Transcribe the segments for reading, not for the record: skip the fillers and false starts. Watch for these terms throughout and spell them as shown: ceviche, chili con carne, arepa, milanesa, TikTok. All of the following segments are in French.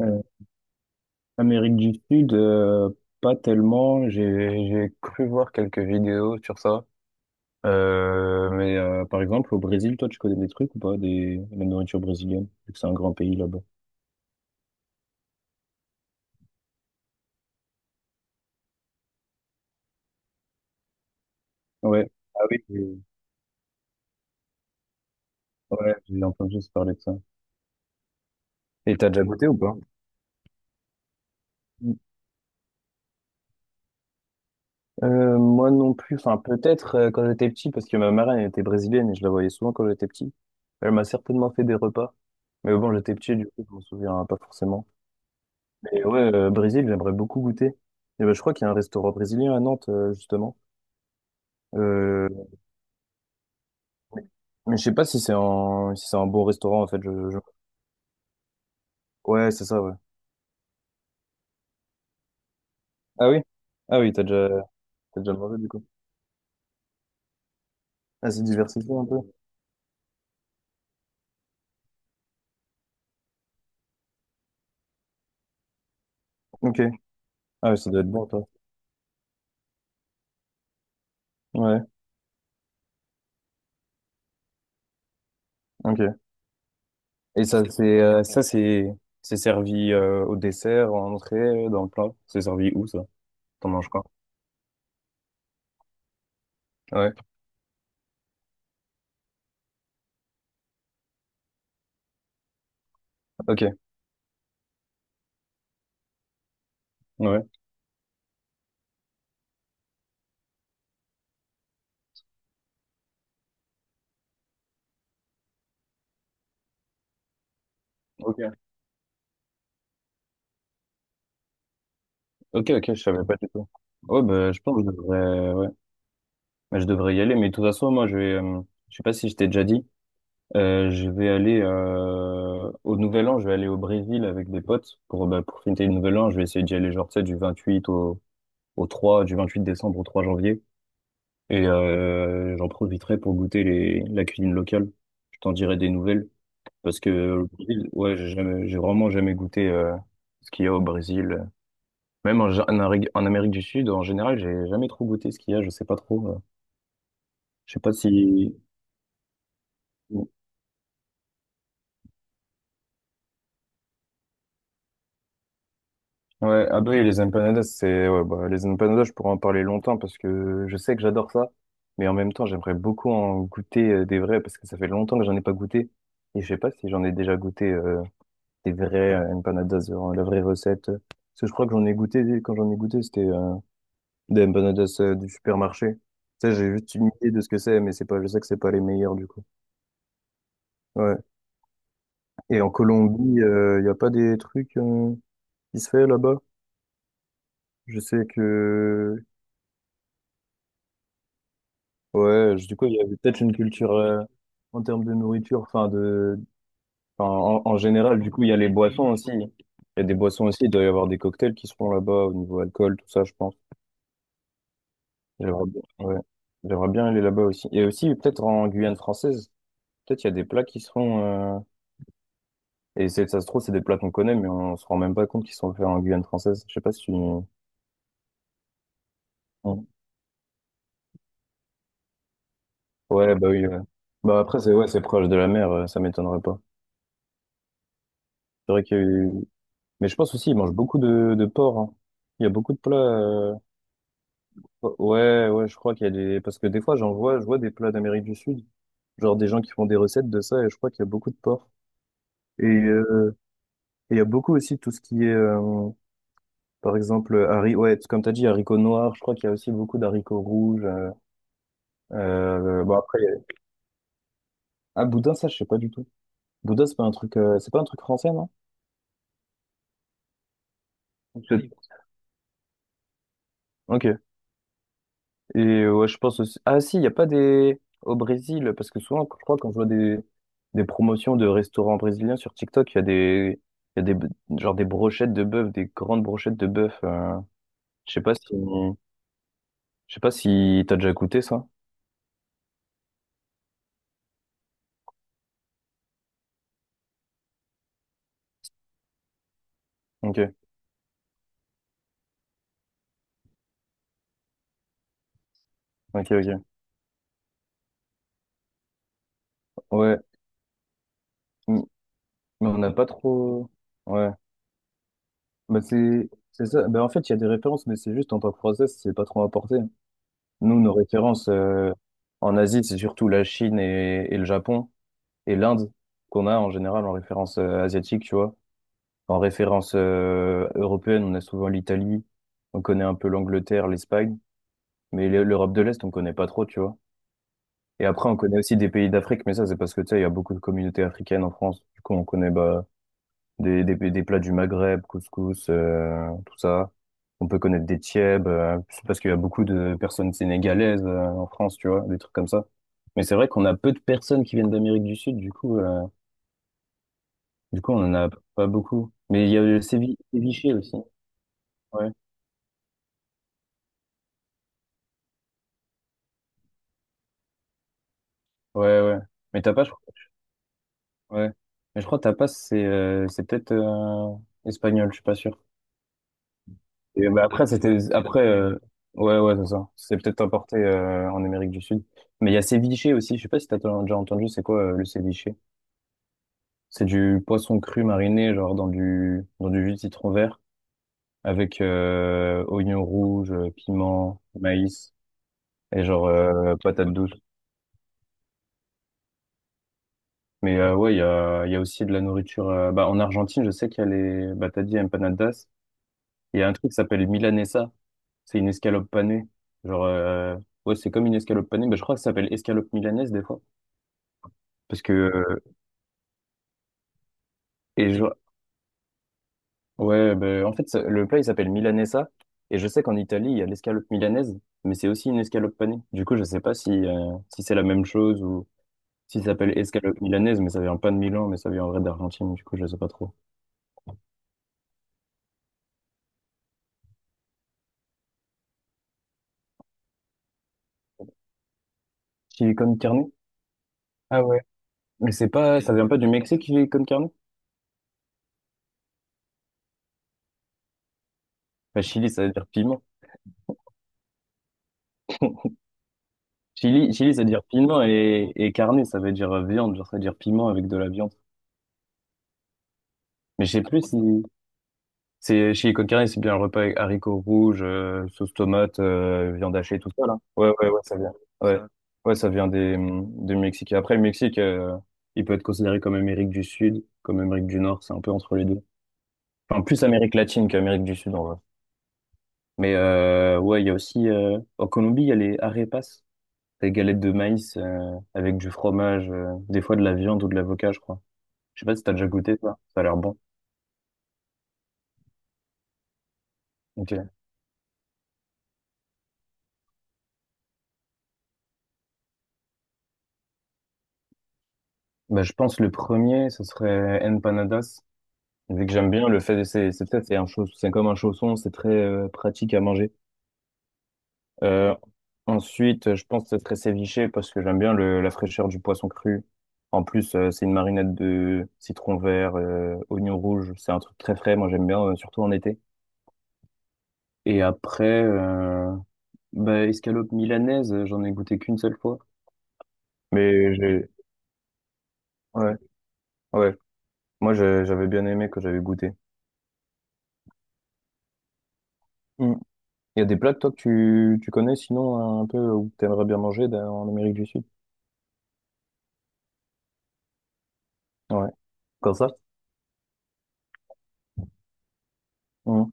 Euh, Amérique du Sud, pas tellement. J'ai cru voir quelques vidéos sur ça. Par exemple, au Brésil, toi, tu connais des trucs ou pas, des, la nourriture brésilienne, vu que c'est un grand pays là-bas. Ouais. Ah oui, j'ai- ouais, j'ai entendu se parler de ça. Et t'as déjà goûté ou pas? Moi non plus, enfin peut-être quand j'étais petit, parce que ma marraine elle était brésilienne et je la voyais souvent quand j'étais petit. Elle m'a certainement fait des repas, mais bon, j'étais petit, du coup, je m'en souviens pas forcément. Et ouais, Brésil, j'aimerais beaucoup goûter. Et ben, je crois qu'il y a un restaurant brésilien à Nantes, justement. Euh, mais je sais pas si c'est un, si c'est un bon restaurant, en fait. Ouais, c'est ça, ouais. Ah oui? Ah oui, t'as déjà mangé, du coup. Ah, c'est diversifié un peu. Ok. Ah oui, ça doit être bon, toi. Ouais, ok. Et ça, c'est servi, au dessert, en entrée, dans le plat. C'est servi où, ça? T'en manges quoi? Ouais. Ok. Ouais. Ok. Ok, ok, je savais pas du tout. Ouais, bah, je pense que je devrais, ouais. Bah, je devrais y aller, mais de toute façon, moi, je vais, je sais pas si je t'ai déjà dit, je vais aller au Nouvel An, je vais aller au Brésil avec des potes pour, bah, pour fêter le Nouvel An. Je vais essayer d'y aller, genre, tu sais, du 28 au 3, du 28 décembre au 3 janvier. Et j'en profiterai pour goûter les, la cuisine locale. Je t'en dirai des nouvelles parce que le Brésil, ouais, j'ai jamais, j'ai vraiment jamais goûté ce qu'il y a au Brésil. Même Amérique en Amérique du Sud, en général, j'ai jamais trop goûté ce qu'il y a. Je sais pas trop. Je sais pas si Ouais, ah bah oui, les empanadas, c'est ouais, bah, les empanadas, je pourrais en parler longtemps parce que je sais que j'adore ça, mais en même temps, j'aimerais beaucoup en goûter des vrais parce que ça fait longtemps que j'en ai pas goûté et je sais pas si j'en ai déjà goûté des vrais empanadas, la vraie recette. Parce que je crois que j'en ai goûté quand j'en ai goûté, c'était des empanadas du supermarché. Ça, j'ai juste une idée de ce que c'est, mais c'est pas, je sais que c'est pas les meilleurs du coup. Ouais. Et en Colombie, il y a pas des trucs qui se fait là-bas? Je sais que Ouais, du coup, il y avait peut-être une culture en termes de nourriture, enfin de, enfin, en général, du coup, il y a les boissons aussi. Il y a des boissons aussi, il doit y avoir des cocktails qui se font là-bas au niveau alcool, tout ça, je pense. J'aimerais bien, ouais. J'aimerais bien aller là-bas aussi. Et aussi, peut-être en Guyane française, peut-être il y a des plats qui se font, et c'est, ça se trouve, c'est des plats qu'on connaît, mais on se rend même pas compte qu'ils sont faits en Guyane française. Je sais pas si tu... Ouais, bah oui, ouais. Bah après, c'est, ouais, c'est proche de la mer, ça m'étonnerait pas. C'est vrai qu'il y a eu. Mais je pense aussi, ils mangent beaucoup de porc, hein. Il y a beaucoup de plats. Ouais, ouais, ouais, je crois qu'il y a des. Parce que des fois, j'en vois, je vois des plats d'Amérique du Sud. Genre des gens qui font des recettes de ça, et je crois qu'il y a beaucoup de porc. Et euh, et il y a beaucoup aussi tout ce qui est, par exemple, haricots, ouais, comme t'as dit, haricots noirs, je crois qu'il y a aussi beaucoup d'haricots rouges. Bon, après, il y a- ah, boudin, ça, je sais pas du tout. Boudin, c'est pas un truc, c'est pas un truc français, non? Ok. Ok. Et ouais, je pense aussi. Ah si, il n'y a pas des. Au Brésil, parce que souvent, je crois, quand je vois des promotions de restaurants brésiliens sur TikTok, il y a des. Il y a des. B- Genre des brochettes de bœuf, des grandes brochettes de bœuf. Je sais pas si. Je sais pas si t'as déjà goûté ça. Ok, ok, ok. Ouais, m- mais on n'a pas trop. Ouais, bah c'est ça. Bah en fait, il y a des références, mais c'est juste en tant que Français, c'est pas trop apporté. Nous, nos références en Asie, c'est surtout la Chine et le Japon. Et l'Inde qu'on a en général en référence asiatique, tu vois. En référence européenne, on a souvent l'Italie, on connaît un peu l'Angleterre, l'Espagne, mais l'Europe de l'Est, on connaît pas trop, tu vois. Et après, on connaît aussi des pays d'Afrique, mais ça, c'est parce que, tu sais, il y a beaucoup de communautés africaines en France. Du coup, on connaît bah, des plats du Maghreb, couscous, tout ça. On peut connaître des tièbes, c'est parce qu'il y a beaucoup de personnes sénégalaises en France, tu vois, des trucs comme ça. Mais c'est vrai qu'on a peu de personnes qui viennent d'Amérique du Sud, du coup, Du coup, on en a pas beaucoup. Mais il y a le séviché aussi. Ouais, ouais, ouais. Mais t'as pas, je crois. Ouais. Mais je crois que tapas, c'est peut-être espagnol, je suis pas sûr. Et bah, après, c'était après. Ouais, ouais, c'est ça. C'est peut-être importé en Amérique du Sud. Mais il y a ceviche aussi. Je sais pas si t'as t- déjà entendu. C'est quoi le ceviche? C'est du poisson cru mariné, genre dans du jus de citron vert avec oignons rouges, piment, maïs et genre patate douce. Mais ouais, il y a aussi de la nourriture. Bah, en Argentine, je sais qu'il y a les. Bah, t'as dit empanadas. Il y a un truc qui s'appelle milanesa. C'est une escalope panée. Genre, ouais, c'est comme une escalope panée. Bah, je crois que ça s'appelle escalope milanaise des fois. Parce que. Et je... Ouais, bah, en fait, ça- le plat, il s'appelle milanesa. Et je sais qu'en Italie, il y a l'escalope milanaise. Mais c'est aussi une escalope panée. Du coup, je sais pas si, si c'est la même chose ou si ça s'appelle escalope milanaise. Mais ça vient pas de Milan, mais ça vient en vrai d'Argentine. Du coup, je sais pas trop. Chili con carne? Ah ouais. Mais c'est pas, ça vient pas du Mexique, chili con carne? Enfin, chili, ça veut dire piment. Chili, ça veut dire piment et carne, ça veut dire viande, genre ça veut dire piment avec de la viande. Mais je sais plus si c'est chili con carne, c'est bien un repas avec haricots rouges, sauce tomate, viande hachée, tout ça là. Ouais, ouais, ouais, ça vient. Ouais, ouais, ça vient des du Mexique. Et après, le Mexique, il peut être considéré comme Amérique du Sud, comme Amérique du Nord, c'est un peu entre les deux. Enfin, plus Amérique latine qu'Amérique du Sud en vrai. Mais ouais, il y a aussi en Colombie, il y a les arepas. Des galettes de maïs avec du fromage, des fois de la viande ou de l'avocat, je crois. Je sais pas si t'as déjà goûté ça. Ça a l'air bon. Ok. Bah, je pense le premier, ce serait empanadas. Vu que j'aime bien le fait, c'est peut-être c'est un chausson, c'est comme un chausson, c'est très pratique à manger. Euh, ensuite, je pense que ce serait ceviche parce que j'aime bien le, la fraîcheur du poisson cru. En plus, c'est une marinade de citron vert, oignon rouge. C'est un truc très frais. Moi, j'aime bien, surtout en été. Et après, bah, escalope milanaise, j'en ai goûté qu'une seule fois. Mais j'ai... Ouais, ouais. Moi, j'avais bien aimé que j'avais goûté. Mm. Il y a des plats que toi que tu connais sinon un peu ou que t'aimerais bien manger dans- en Amérique du Sud? Ouais. Comme ça? Mm.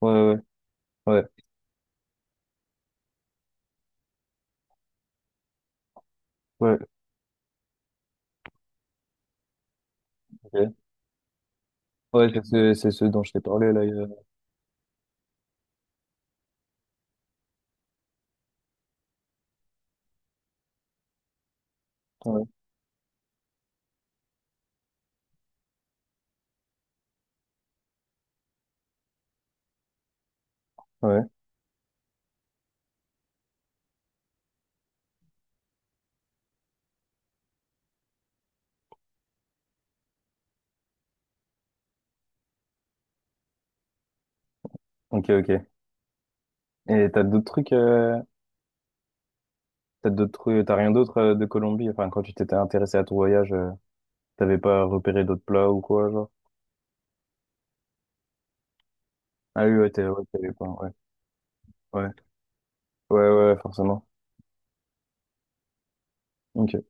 Ouais, ouais, ouais. Ouais, ok. Ouais, c'est ce dont je t'ai parlé là. Il y a- Ouais. Ouais. Ok, ok. Et t'as d'autres trucs, t'as rien d'autre de Colombie? Enfin, quand tu t'étais intéressé à ton voyage, t'avais pas repéré d'autres plats ou quoi, genre? Ah oui, ouais, t'es, ouais, t'avais pas, ouais. Ouais, ouais, forcément. Ok.